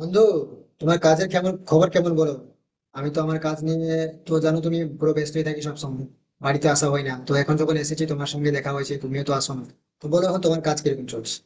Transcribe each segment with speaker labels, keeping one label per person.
Speaker 1: বন্ধু, তোমার কাজের কেমন খবর, কেমন বলো। আমি তো আমার কাজ নিয়ে, তো জানো তুমি, পুরো ব্যস্তই থাকি সব সময়। বাড়িতে আসা হয় না, তো এখন যখন এসেছি তোমার সঙ্গে দেখা হয়েছে, তুমিও তো আসো না। তো বলো এখন তোমার কাজ কিরকম চলছে।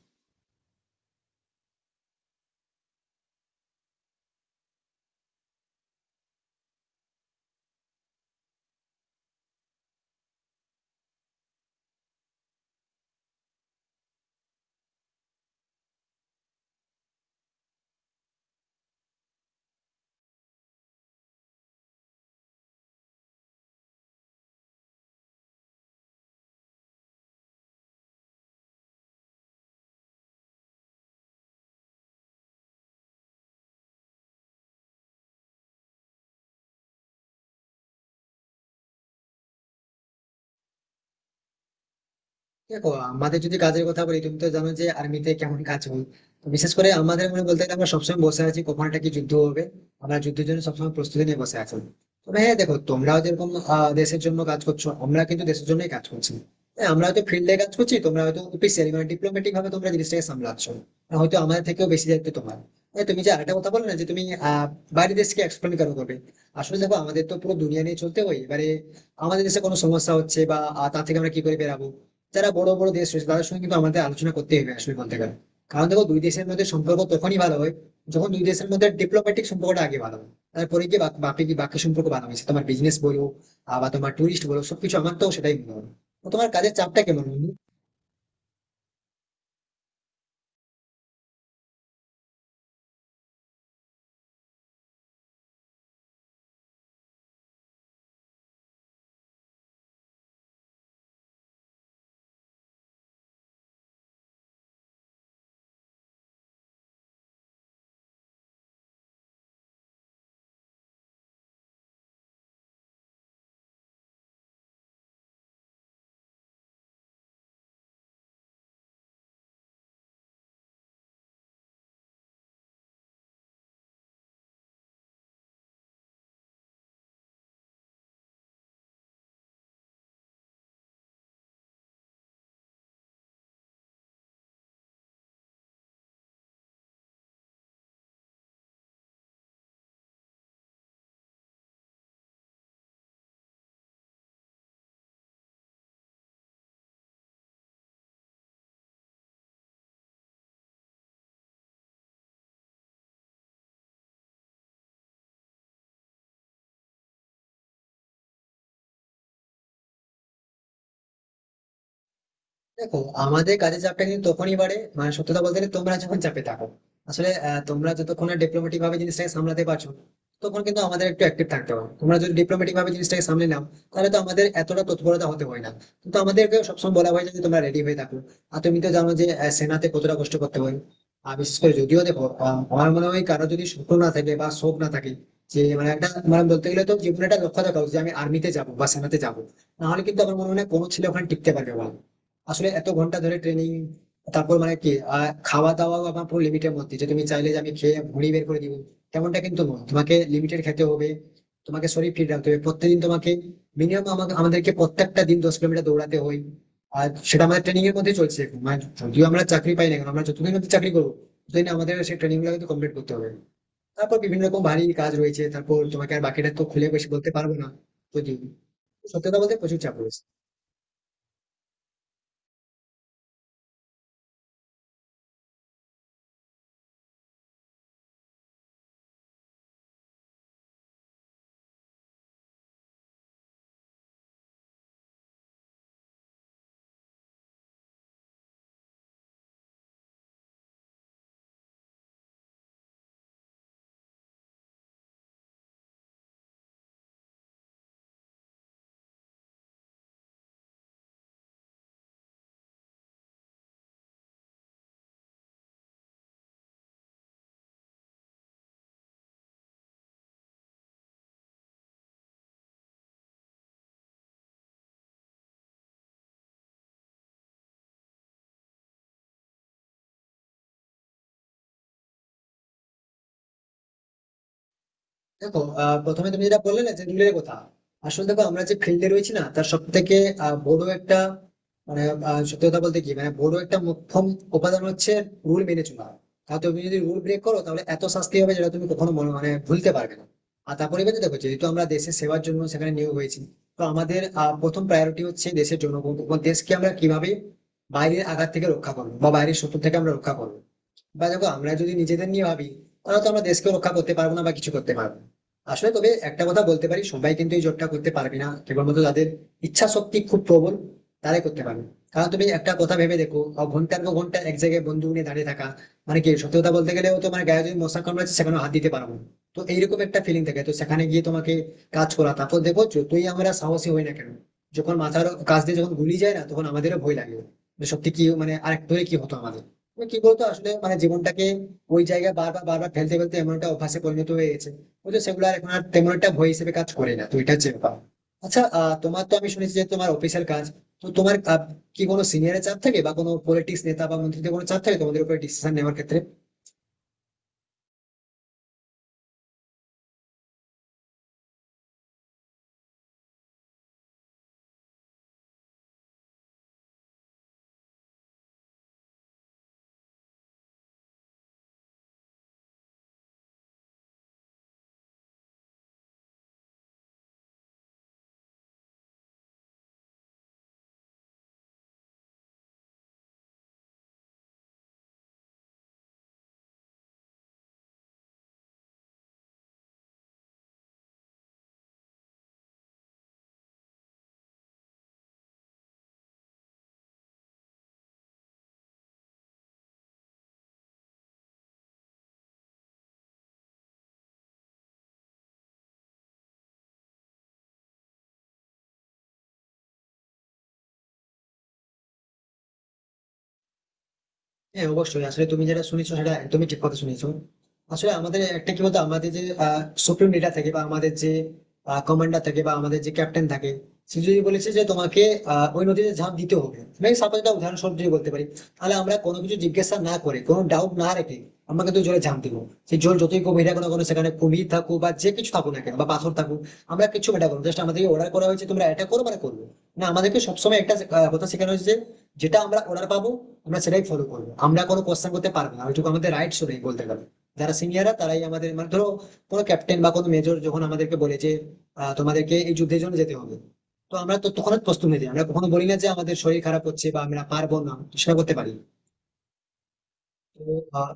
Speaker 1: দেখো, আমাদের যদি কাজের কথা বলি, তুমি তো জানো যে আর্মিতে কেমন কাজ হয়। তো বিশেষ করে আমাদের মনে বলতে গেলে, আমরা সবসময় বসে আছি কখন একটা কি যুদ্ধ হবে। আমরা যুদ্ধের জন্য সবসময় প্রস্তুতি নিয়ে বসে আছি। তবে হ্যাঁ, দেখো তোমরাও যেরকম দেশের জন্য কাজ করছো, আমরা কিন্তু দেশের জন্যই কাজ করছি। হ্যাঁ, আমরা হয়তো ফিল্ডে কাজ করছি, তোমরা হয়তো অফিসিয়ালি মানে ডিপ্লোম্যাটিক ভাবে তোমরা জিনিসটাকে সামলাচ্ছ। আর হয়তো আমাদের থেকেও বেশি দায়িত্ব তোমার। হ্যাঁ, তুমি যে আরেকটা কথা বললে না যে তুমি আহ বাইরের দেশকে এক্সপ্লেন করো, করবে। আসলে দেখো, আমাদের তো পুরো দুনিয়া নিয়ে চলতে হয় এবারে। আমাদের দেশে কোনো সমস্যা হচ্ছে বা তা থেকে আমরা কি করে বেরাবো, যারা বড় বড় দেশ রয়েছে তাদের সঙ্গে কিন্তু আমাদের আলোচনা করতে হবে আসলে বলতে গেলে। কারণ দেখো, দুই দেশের মধ্যে সম্পর্ক তখনই ভালো হয় যখন দুই দেশের মধ্যে ডিপ্লোম্যাটিক সম্পর্কটা আগে ভালো হয়। তারপরে গিয়ে বাকি সম্পর্ক ভালো হয়েছে, তোমার বিজনেস বলো বা তোমার টুরিস্ট বলো সবকিছু, আমার তো সেটাই মনে হয়। তো তোমার কাজের চাপটা কেমন বন্ধু? দেখো, আমাদের কাজের চাপটা কিন্তু তখনই বাড়ে, মানে সত্যি কথা বলতে গেলে তোমরা যখন চাপে থাকো। আসলে তোমরা যতক্ষণ ডিপ্লোমেটিক ভাবে জিনিসটাকে সামলাতে পারছো, তখন কিন্তু আমাদের একটু অ্যাক্টিভ থাকতে হবে। তোমরা যদি ডিপ্লোমেটিক ভাবে জিনিসটাকে সামলে নাও তাহলে তো আমাদের এতটা তৎপরতা হতে হয় না। কিন্তু আমাদেরকে সবসময় বলা হয় যে তোমরা রেডি হয়ে থাকো। আর তুমি তো জানো যে সেনাতে কতটা কষ্ট করতে হয়। আর বিশেষ করে যদিও দেখো আমার মনে হয় কারো যদি স্বপ্ন না থাকে বা শখ না থাকে, যে মানে একটা মানে বলতে গেলে তো জীবনে একটা লক্ষ্য থাকা উচিত যে আমি আর্মিতে যাবো বা সেনাতে যাবো। নাহলে কিন্তু আমার মনে হয় না কোনো ছেলে ওখানে টিকতে পারবে বলে। আসলে এত ঘন্টা ধরে ট্রেনিং, তারপর মানে কি খাওয়া দাওয়াও আমার পুরো লিমিটের মধ্যে। যে তুমি চাইলে যে আমি খেয়ে ভুঁড়ি বের করে দিব, তেমনটা কিন্তু নয়। তোমাকে লিমিটেড খেতে হবে, তোমাকে শরীর ফিট রাখতে হবে। প্রত্যেকদিন তোমাকে মিনিমাম, আমাকে আমাদেরকে প্রত্যেকটা দিন 10 কিলোমিটার দৌড়াতে হয়। আর সেটা আমাদের ট্রেনিং এর মধ্যেই চলছে এখন। মানে যদিও আমরা চাকরি পাই না কেন, আমরা যতদিন অব্দি চাকরি করবো ততদিন আমাদের সেই ট্রেনিং গুলো কিন্তু কমপ্লিট করতে হবে। তারপর বিভিন্ন রকম ভারী কাজ রয়েছে, তারপর তোমাকে আর বাকিটা তো খুলে বেশি বলতে পারবো না। যদি সত্যি কথা বলতে প্রচুর চাপ রয়েছে। দেখো প্রথমে তুমি যেটা বললে না যে রুলের কথা। আসলে দেখো, আমরা যে ফিল্ডে রয়েছি না, তার সব থেকে বড় একটা মানে সত্যি কথা বলতে কি মানে বড় একটা মুখ্যম উপাদান হচ্ছে রুল মেনে চলা। তাহলে তুমি যদি রুল ব্রেক করো তাহলে এত শাস্তি হবে, যেটা তুমি কখনো মানে ভুলতে পারবে না। আর তারপরে এবার দেখো, যেহেতু আমরা দেশের সেবার জন্য সেখানে নিয়োগ হয়েছি, তো আমাদের প্রথম প্রায়োরিটি হচ্ছে দেশের জনগণ, এবং দেশকে আমরা কিভাবে বাইরের আঘাত থেকে রক্ষা করবো বা বাইরের শত্রু থেকে আমরা রক্ষা করবো। বা দেখো, আমরা যদি নিজেদের নিয়ে ভাবি তাহলে তো আমরা দেশকে রক্ষা করতে পারবো না বা কিছু করতে পারবো না। আসলে তবে একটা কথা বলতে পারি, সবাই কিন্তু এই জবটা করতে পারবে না, কেবলমাত্র যাদের ইচ্ছা শক্তি খুব প্রবল তারাই করতে পারবে। কারণ তুমি একটা কথা ভেবে দেখো ঘন্টার পর ঘন্টা এক জায়গায় বন্ধু নিয়ে দাঁড়িয়ে থাকা, মানে কি সত্যি কথা বলতে গেলেও, তোমার গায়ে যদি মশা কামড়াচ্ছে সেখানে হাত দিতে পারবো না। তো এইরকম একটা ফিলিং থাকে, তো সেখানে গিয়ে তোমাকে কাজ করা। তারপর দেখো, যতই আমরা সাহসী হই না কেন, যখন মাথার কাজ দিয়ে যখন গুলি যায় না তখন আমাদেরও ভয় লাগে, যে সত্যি কি মানে আরেক ধরে কি হতো আমাদের। মানে কি বলতো, আসলে মানে জীবনটাকে ওই জায়গায় বারবার বারবার ফেলতে ফেলতে এমন একটা অভ্যাসে পরিণত হয়ে গেছে, বুঝলো, সেগুলো আর এখন আর তেমন একটা ভয় হিসেবে কাজ করে না। তো এটা হচ্ছে ব্যাপার। আচ্ছা তোমার তো আমি শুনেছি যে তোমার অফিসের কাজ, তো তোমার কি কোনো সিনিয়রের চাপ থাকে বা কোনো পলিটিক্স নেতা বা মন্ত্রীদের কোনো চাপ থাকে তোমাদের উপরে ডিসিশন নেওয়ার ক্ষেত্রে? হ্যাঁ অবশ্যই, আসলে তুমি যেটা শুনেছো সেটা একদমই ঠিক কথা শুনেছো। আসলে আমাদের একটা কি বলতো, আমাদের যে সুপ্রিম লিডার থাকে বা আমাদের যে কমান্ডার থাকে বা আমাদের যে ক্যাপ্টেন থাকে, সে যদি বলেছে যে তোমাকে ওই নদীতে ঝাঁপ দিতে হবে, মানে সাপোজ একটা উদাহরণস্বরূপ যদি বলতে পারি, তাহলে আমরা কোনো কিছু জিজ্ঞাসা না করে, কোনো ডাউট না রেখে আমরা কিন্তু জলে ঝাঁপ দিব। সেই জল যতই গভীর থাকুক না কোনো, সেখানে কুমির থাকুক বা যে কিছু থাকুক না কেন বা পাথর থাকুক, আমরা কিছু এটা করবো। জাস্ট আমাদেরকে অর্ডার করা হয়েছে তোমরা এটা করো, মানে করবো। না, আমাদেরকে সবসময় একটা কথা শেখানো হয়েছে যে যেটা আমরা অর্ডার পাবো আমরা সেটাই ফলো করবো, আমরা কোনো কোশ্চেন করতে পারবো না, ওইটুকু আমাদের রাইটস নেই বলতে গেলে। যারা সিনিয়ররা তারাই আমাদের মানে ধরো, কোনো ক্যাপ্টেন বা কোনো মেজর যখন আমাদেরকে বলে যে তোমাদেরকে এই যুদ্ধের জন্য যেতে হবে, তো আমরা তো তখন প্রস্তুত নিয়ে যাই। আমরা কখনো বলি না যে আমাদের শরীর খারাপ হচ্ছে বা আমরা পারবো না সেটা করতে পারি। তো আহ,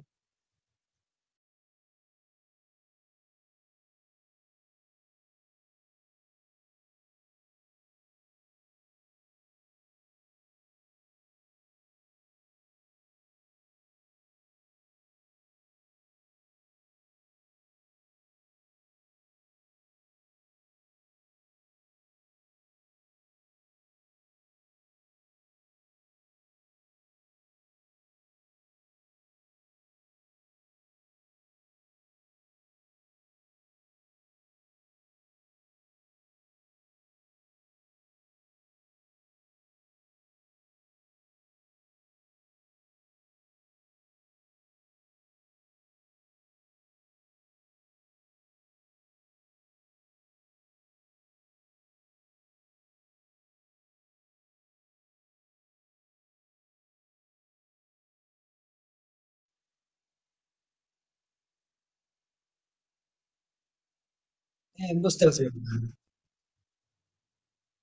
Speaker 1: হ্যাঁ, বুঝতে পারছি।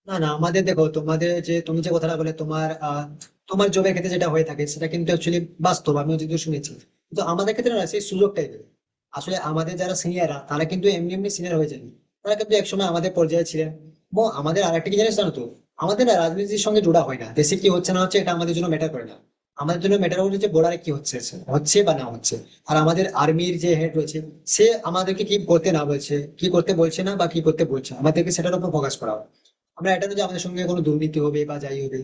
Speaker 1: না না, আমাদের দেখো, তোমাদের যে তুমি যে কথাটা বলে তোমার তোমার জবের ক্ষেত্রে যেটা হয়ে থাকে সেটা কিন্তু অ্যাকচুয়ালি বাস্তব, আমিও যদিও শুনেছি। কিন্তু আমাদের ক্ষেত্রে না, সেই সুযোগটাই নেই। আসলে আমাদের যারা সিনিয়ররা তারা কিন্তু এমনি এমনি সিনিয়র হয়ে যায়নি, তারা কিন্তু একসময় আমাদের পর্যায়ে ছিলেন। এবং আমাদের আরেকটা কি জিনিস জানো তো, আমাদের না রাজনীতির সঙ্গে জোড়া হয় না, দেশে কি হচ্ছে না হচ্ছে এটা আমাদের জন্য ম্যাটার করে না। আমাদের জন্য ম্যাটার করে যে বর্ডারে কি হচ্ছে, হচ্ছে বা না হচ্ছে। আর আমাদের আর্মির যে হেড রয়েছে, সে আমাদেরকে কি করতে না বলছে, কি করতে বলছে না বা কি করতে বলছে, আমাদেরকে সেটার উপর ফোকাস করা হয়। আমরা এটা না যে আমাদের সঙ্গে কোনো দুর্নীতি হবে বা যাই হবে।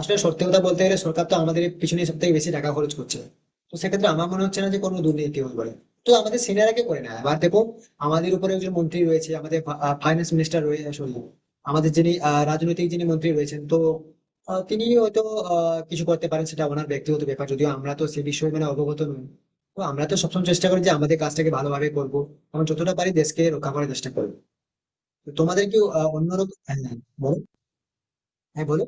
Speaker 1: আসলে সত্যি কথা বলতে গেলে সরকার তো আমাদের পিছনে সব থেকে বেশি টাকা খরচ করছে, তো সেক্ষেত্রে আমার মনে হচ্ছে না যে কোনো দুর্নীতি হবে বলে। তো আমাদের সিনিয়ররা কে করে না, এবার দেখো, আমাদের উপরে একজন মন্ত্রী রয়েছে, আমাদের ফাইন্যান্স মিনিস্টার রয়েছে, সরি, আমাদের যিনি রাজনৈতিক যিনি মন্ত্রী রয়েছেন, তো তিনি হয়তো কিছু করতে পারেন, সেটা ওনার ব্যক্তিগত ব্যাপার, যদিও আমরা তো সে বিষয়ে মানে অবগত নই। তো আমরা তো সবসময় চেষ্টা করি যে আমাদের কাজটাকে ভালোভাবে করবো এবং যতটা পারি দেশকে রক্ষা করার চেষ্টা করবো। তো তোমাদের কি অন্যরকম, হ্যাঁ হ্যাঁ, বলো। হ্যাঁ বলো।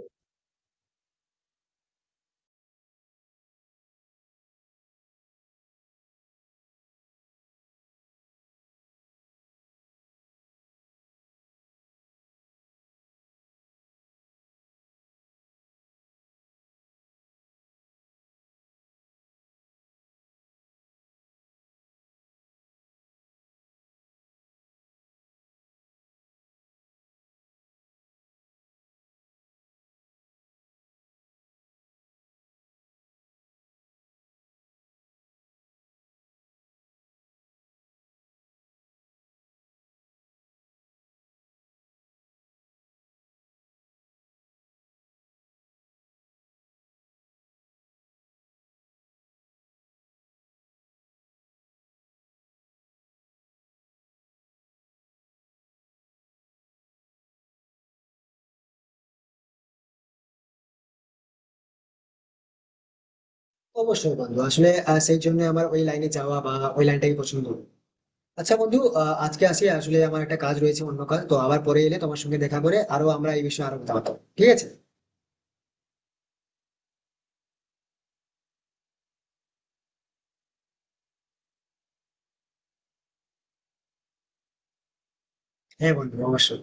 Speaker 1: অবশ্যই বন্ধু, আসলে সেই জন্য আমার ওই লাইনে যাওয়া বা ওই লাইনটাই পছন্দ। আচ্ছা বন্ধু, আজকে আসি, আসলে আমার একটা কাজ রয়েছে অন্য কাজ, তো আবার পরে এলে তোমার সঙ্গে দেখা করে আরো আমরা এই বিষয়ে আরো কথা বলবো। ঠিক আছে? হ্যাঁ বন্ধু অবশ্যই।